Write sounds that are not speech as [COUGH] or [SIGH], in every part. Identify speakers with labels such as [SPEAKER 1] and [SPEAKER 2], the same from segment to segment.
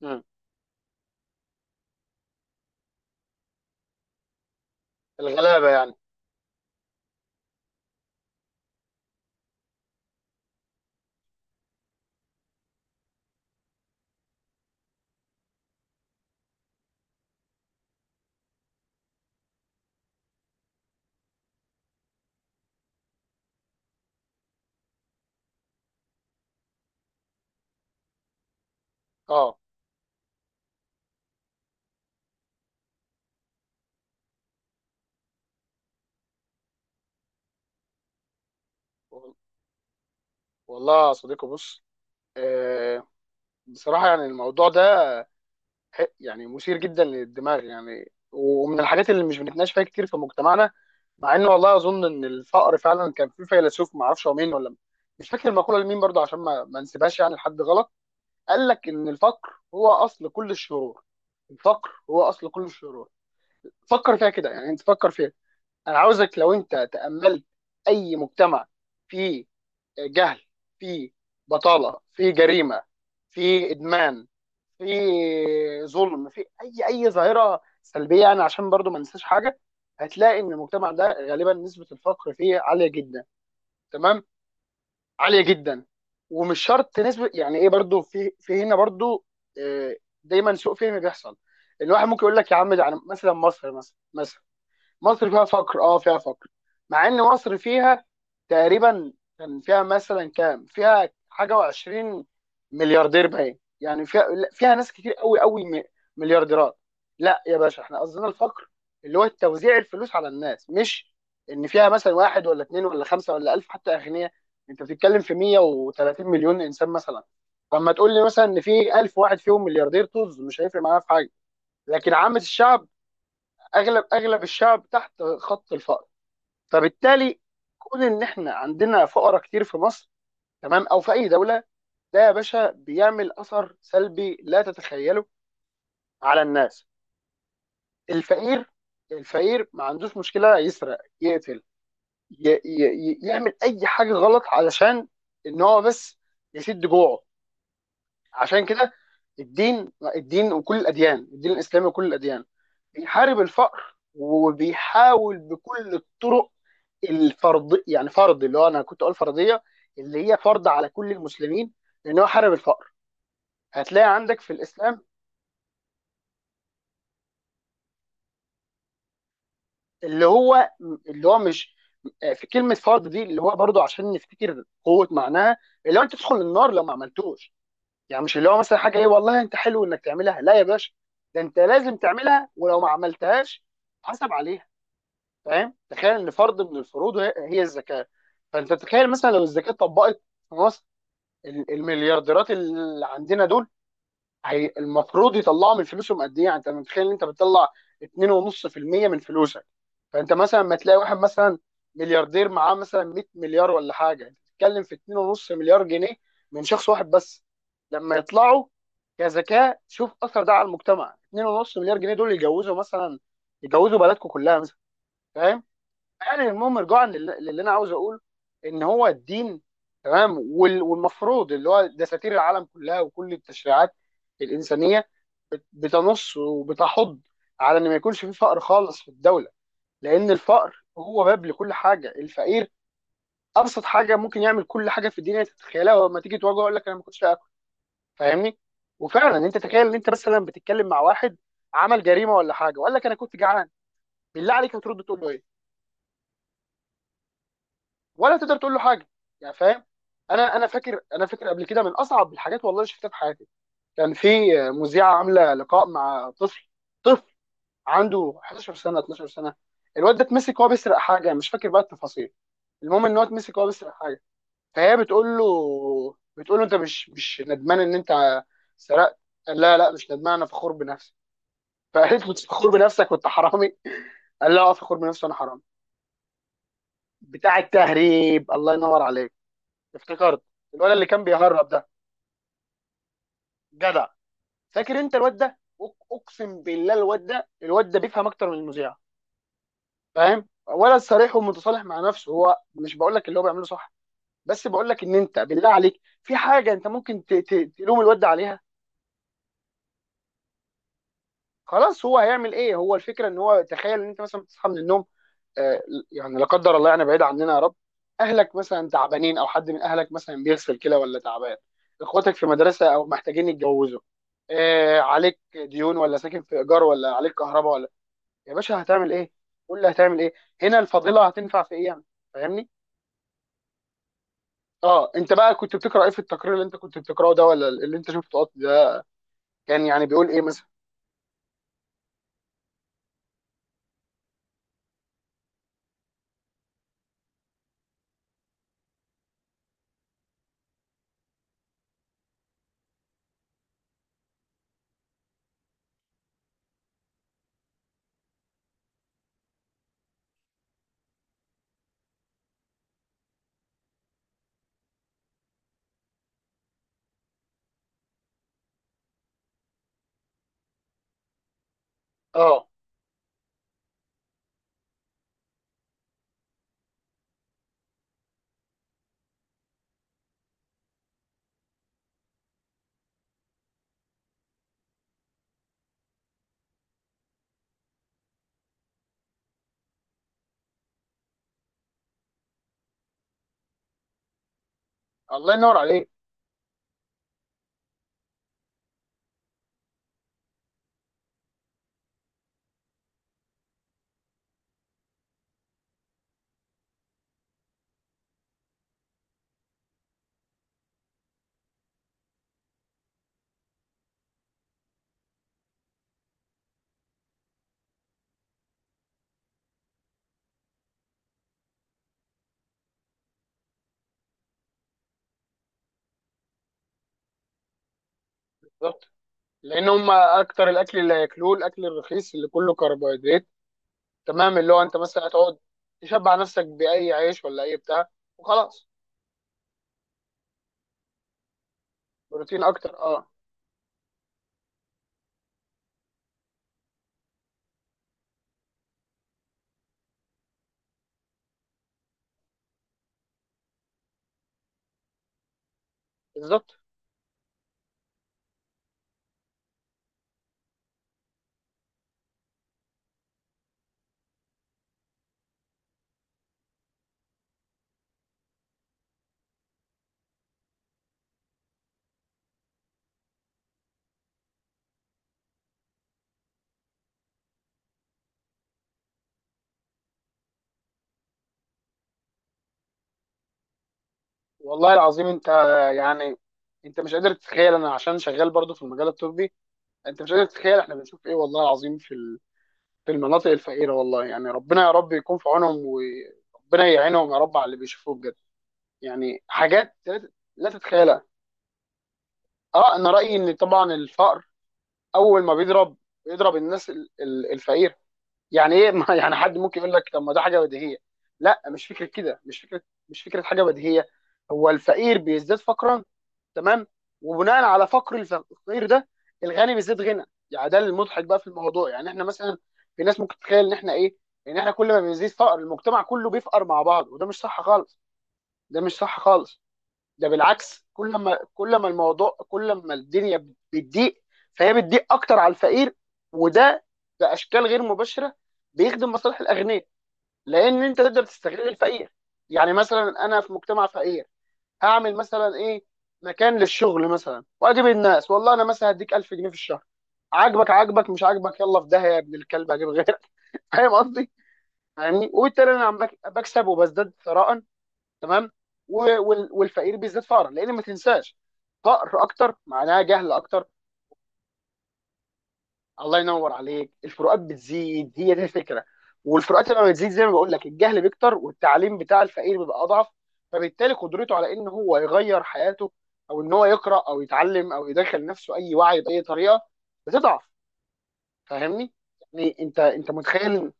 [SPEAKER 1] مم. الغلابه يعني. اه، وال- والله يا صديقي بص، آه بصراحه يعني الموضوع ده يعني مثير جدا للدماغ، يعني ومن الحاجات اللي مش بنتناقش فيها كتير في مجتمعنا، مع انه والله اظن ان الفقر فعلا كان في فيلسوف ما اعرفش هو مين، ولا مش فاكر المقوله لمين برضه، عشان ما نسيبهاش يعني لحد غلط، قال لك ان الفقر هو اصل كل الشرور. الفقر هو اصل كل الشرور. فكر فيها كده، يعني انت فكر فيها. انا عاوزك لو انت تأملت اي مجتمع فيه جهل، فيه بطالة، فيه جريمة، فيه ادمان، فيه ظلم، فيه اي ظاهرة سلبية، يعني عشان برضو ما ننساش حاجة، هتلاقي ان المجتمع ده غالبا نسبة الفقر فيه عالية جدا. تمام، عالية جدا. ومش شرط نسبة يعني ايه، برضو في هنا برضو. آه، دايما سوء فهم بيحصل. الواحد ممكن يقول لك يا عم ده يعني مثلا، مصر مثلا، مصر فيها فقر، اه فيها فقر، مع ان مصر فيها تقريبا، كان فيها مثلا كام، فيها حاجه و20 ملياردير باين يعني. فيها، لا، فيها ناس كتير قوي قوي، مليارديرات. لا يا باشا، احنا قصدنا الفقر، اللي هو توزيع الفلوس على الناس، مش ان فيها مثلا واحد ولا اتنين ولا خمسه ولا الف حتى اغنياء. انت بتتكلم في 130 مليون انسان مثلا، فلما تقول لي مثلا ان في 1000 واحد فيهم ملياردير، طز، مش هيفرق معايا في حاجه. لكن عامه الشعب، اغلب الشعب تحت خط الفقر. فبالتالي كون ان احنا عندنا فقراء كتير في مصر، تمام، او في اي دوله، ده يا باشا بيعمل اثر سلبي لا تتخيله على الناس. الفقير، الفقير ما عندوش مشكله يسرق، يقتل، ي ي ي يعمل اي حاجه غلط علشان ان هو بس يسد جوعه. عشان كده الدين، الدين وكل الاديان، الدين الاسلامي وكل الاديان، بيحارب الفقر وبيحاول بكل الطرق. الفرض يعني فرض، اللي هو انا كنت اقول فرضيه، اللي هي فرض على كل المسلمين، لان هو حارب الفقر. هتلاقي عندك في الاسلام اللي هو اللي هو مش، في كلمه فرض دي اللي هو برضو عشان نفتكر قوه معناها، اللي هو انت تدخل النار لو ما عملتوش. يعني مش اللي هو مثلا حاجه ايه، والله انت حلو انك تعملها، لا يا باشا، ده انت لازم تعملها، ولو ما عملتهاش حسب عليها. فاهم؟ تخيل ان فرض من الفروض هي هي الزكاه. فانت تخيل مثلا لو الزكاه اتطبقت في مصر، المليارديرات اللي عندنا دول، هي المفروض يطلعوا من فلوسهم قد ايه؟ يعني انت متخيل ان انت بتطلع 2.5% من فلوسك؟ فانت مثلا ما تلاقي واحد مثلا ملياردير معاه مثلا 100 مليار ولا حاجه، انت بتتكلم في 2.5 مليار جنيه من شخص واحد بس لما يطلعوا كذكاء. شوف اثر ده على المجتمع، 2.5 مليار جنيه دول يجوزوا مثلا، يجوزوا بلدكم كلها مثلا. فاهم؟ يعني المهم رجوعا للي انا عاوز اقوله، ان هو الدين، تمام، والمفروض اللي هو دساتير العالم كلها وكل التشريعات الانسانيه، بتنص وبتحض على ان ما يكونش في فقر خالص في الدوله، لان الفقر هو باب لكل حاجه. الفقير ابسط حاجه ممكن يعمل كل حاجه في الدنيا تتخيلها، ولما تيجي تواجهه يقول لك انا ما كنتش اكل. فاهمني؟ وفعلا انت تخيل ان انت مثلا بتتكلم مع واحد عمل جريمه ولا حاجه وقال لك انا كنت جعان، بالله عليك هترد تقول له ايه؟ ولا تقدر تقول له حاجه. يعني فاهم. انا انا فاكر انا فاكر قبل كده من اصعب الحاجات والله اللي شفتها في حياتي، كان في مذيعه عامله لقاء مع طفل، طفل عنده 11 سنه 12 سنه. الواد ده اتمسك وهو بيسرق حاجه، مش فاكر بقى التفاصيل، المهم ان هو اتمسك وهو بيسرق حاجه. فهي بتقول له انت مش ندمان ان انت سرقت؟ قال لا لا، مش ندمان، انا فخور بنفسي. فقالت له فخور بنفسك وانت حرامي؟ قال لا اه، فخور بنفسي وانا حرامي. بتاع التهريب، الله ينور عليك، افتكرت الولد اللي كان بيهرب ده. جدع. فاكر انت الواد ده؟ اقسم بالله الواد ده بيفهم اكتر من المذيع. فاهم؟ ولا صريح ومتصالح مع نفسه. هو مش بقول لك اللي هو بيعمله صح، بس بقول لك ان انت بالله عليك في حاجه انت ممكن تلوم الواد ده عليها؟ خلاص هو هيعمل ايه؟ هو الفكره ان هو، تخيل ان انت مثلا بتصحى من النوم، آه، يعني لا قدر الله، يعني بعيد عننا يا رب، اهلك مثلا تعبانين او حد من اهلك مثلا بيغسل كلى ولا تعبان، اخواتك في مدرسه او محتاجين يتجوزوا، آه، عليك ديون ولا ساكن في ايجار ولا عليك كهرباء، يا باشا هتعمل ايه؟ قول لي هتعمل ايه. هنا الفضيله هتنفع في ايه يعني؟ فاهمني؟ اه، انت بقى كنت بتقرا ايه في التقرير اللي انت كنت بتقراه ده، ولا اللي انت شفته ده، كان يعني بيقول ايه مثلا؟ اه، الله ينور عليك، بالظبط، لان هم اكتر الاكل اللي هياكلوه الاكل الرخيص اللي كله كربوهيدرات. تمام، اللي هو انت مثلا هتقعد تشبع نفسك باي عيش ولا اي بتاع وخلاص. بروتين اكتر، اه، بالظبط. والله العظيم انت، يعني انت مش قادر تتخيل، انا عشان شغال برضو في المجال الطبي، انت مش قادر تتخيل احنا بنشوف ايه والله العظيم في في المناطق الفقيره. والله يعني ربنا يا رب يكون في عونهم وربنا يعينهم يا رب على اللي بيشوفوه بجد. يعني حاجات لا تتخيلها. اه، انا رايي ان طبعا الفقر اول ما بيضرب الناس الفقيره. يعني ايه [LAUGHS] يعني حد ممكن يقول لك طب ما ده حاجه بديهيه. لا مش فكره كده، مش فكره، مش فكره حاجه بديهيه. هو الفقير بيزداد فقرا، تمام، وبناء على فقر الفقير ده الغني بيزيد غنى. يعني ده المضحك بقى في الموضوع. يعني احنا مثلا، في ناس ممكن تتخيل ان احنا ايه، ان احنا كل ما بيزيد فقر المجتمع كله بيفقر مع بعض، وده مش صح خالص، ده مش صح خالص. ده بالعكس، كل ما كل ما الموضوع، كل ما الدنيا بتضيق، فهي بتضيق اكتر على الفقير. وده باشكال غير مباشره بيخدم مصالح الاغنياء، لان انت تقدر تستغل الفقير. يعني مثلا انا في مجتمع فقير، اعمل مثلا ايه؟ مكان للشغل مثلا، واجيب الناس والله انا مثلا هديك 1000 جنيه في الشهر، عاجبك عاجبك، مش عاجبك يلا في داهيه يا ابن الكلب، هجيب غيرك. [LAUGHS] فاهم قصدي؟ فاهمني؟ وبالتالي انا عم بكسب وبزداد ثراء، تمام، والفقير بيزداد فقرا، لان ما تنساش فقر اكتر معناها جهل اكتر. الله ينور عليك، الفروقات بتزيد، هي دي الفكره. والفروقات لما بتزيد زي ما بقول لك، الجهل بيكتر، والتعليم بتاع الفقير بيبقى اضعف، فبالتالي قدرته على ان هو يغير حياته، او ان هو يقرا او يتعلم او يدخل نفسه اي وعي باي طريقه، بتضعف. فاهمني؟ يعني انت انت متخيل؟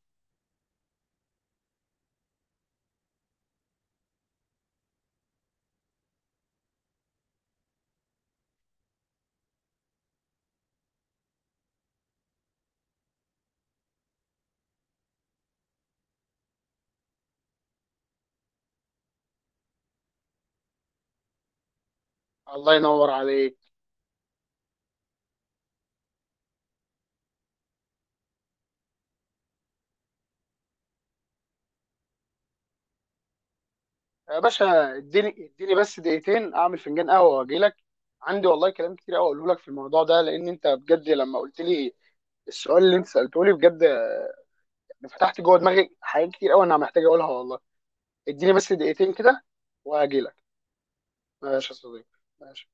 [SPEAKER 1] الله ينور عليك. يا باشا اديني، بس دقيقتين اعمل فنجان قهوه واجي لك. عندي والله كلام كتير قوي اقوله لك في الموضوع ده، لان انت بجد لما قلت لي السؤال اللي انت سالته لي، بجد فتحت جوه دماغي حاجات كتير قوي انا محتاج اقولها والله. اديني بس دقيقتين كده وهجيلك. ماشي يا صديقي، ماشي.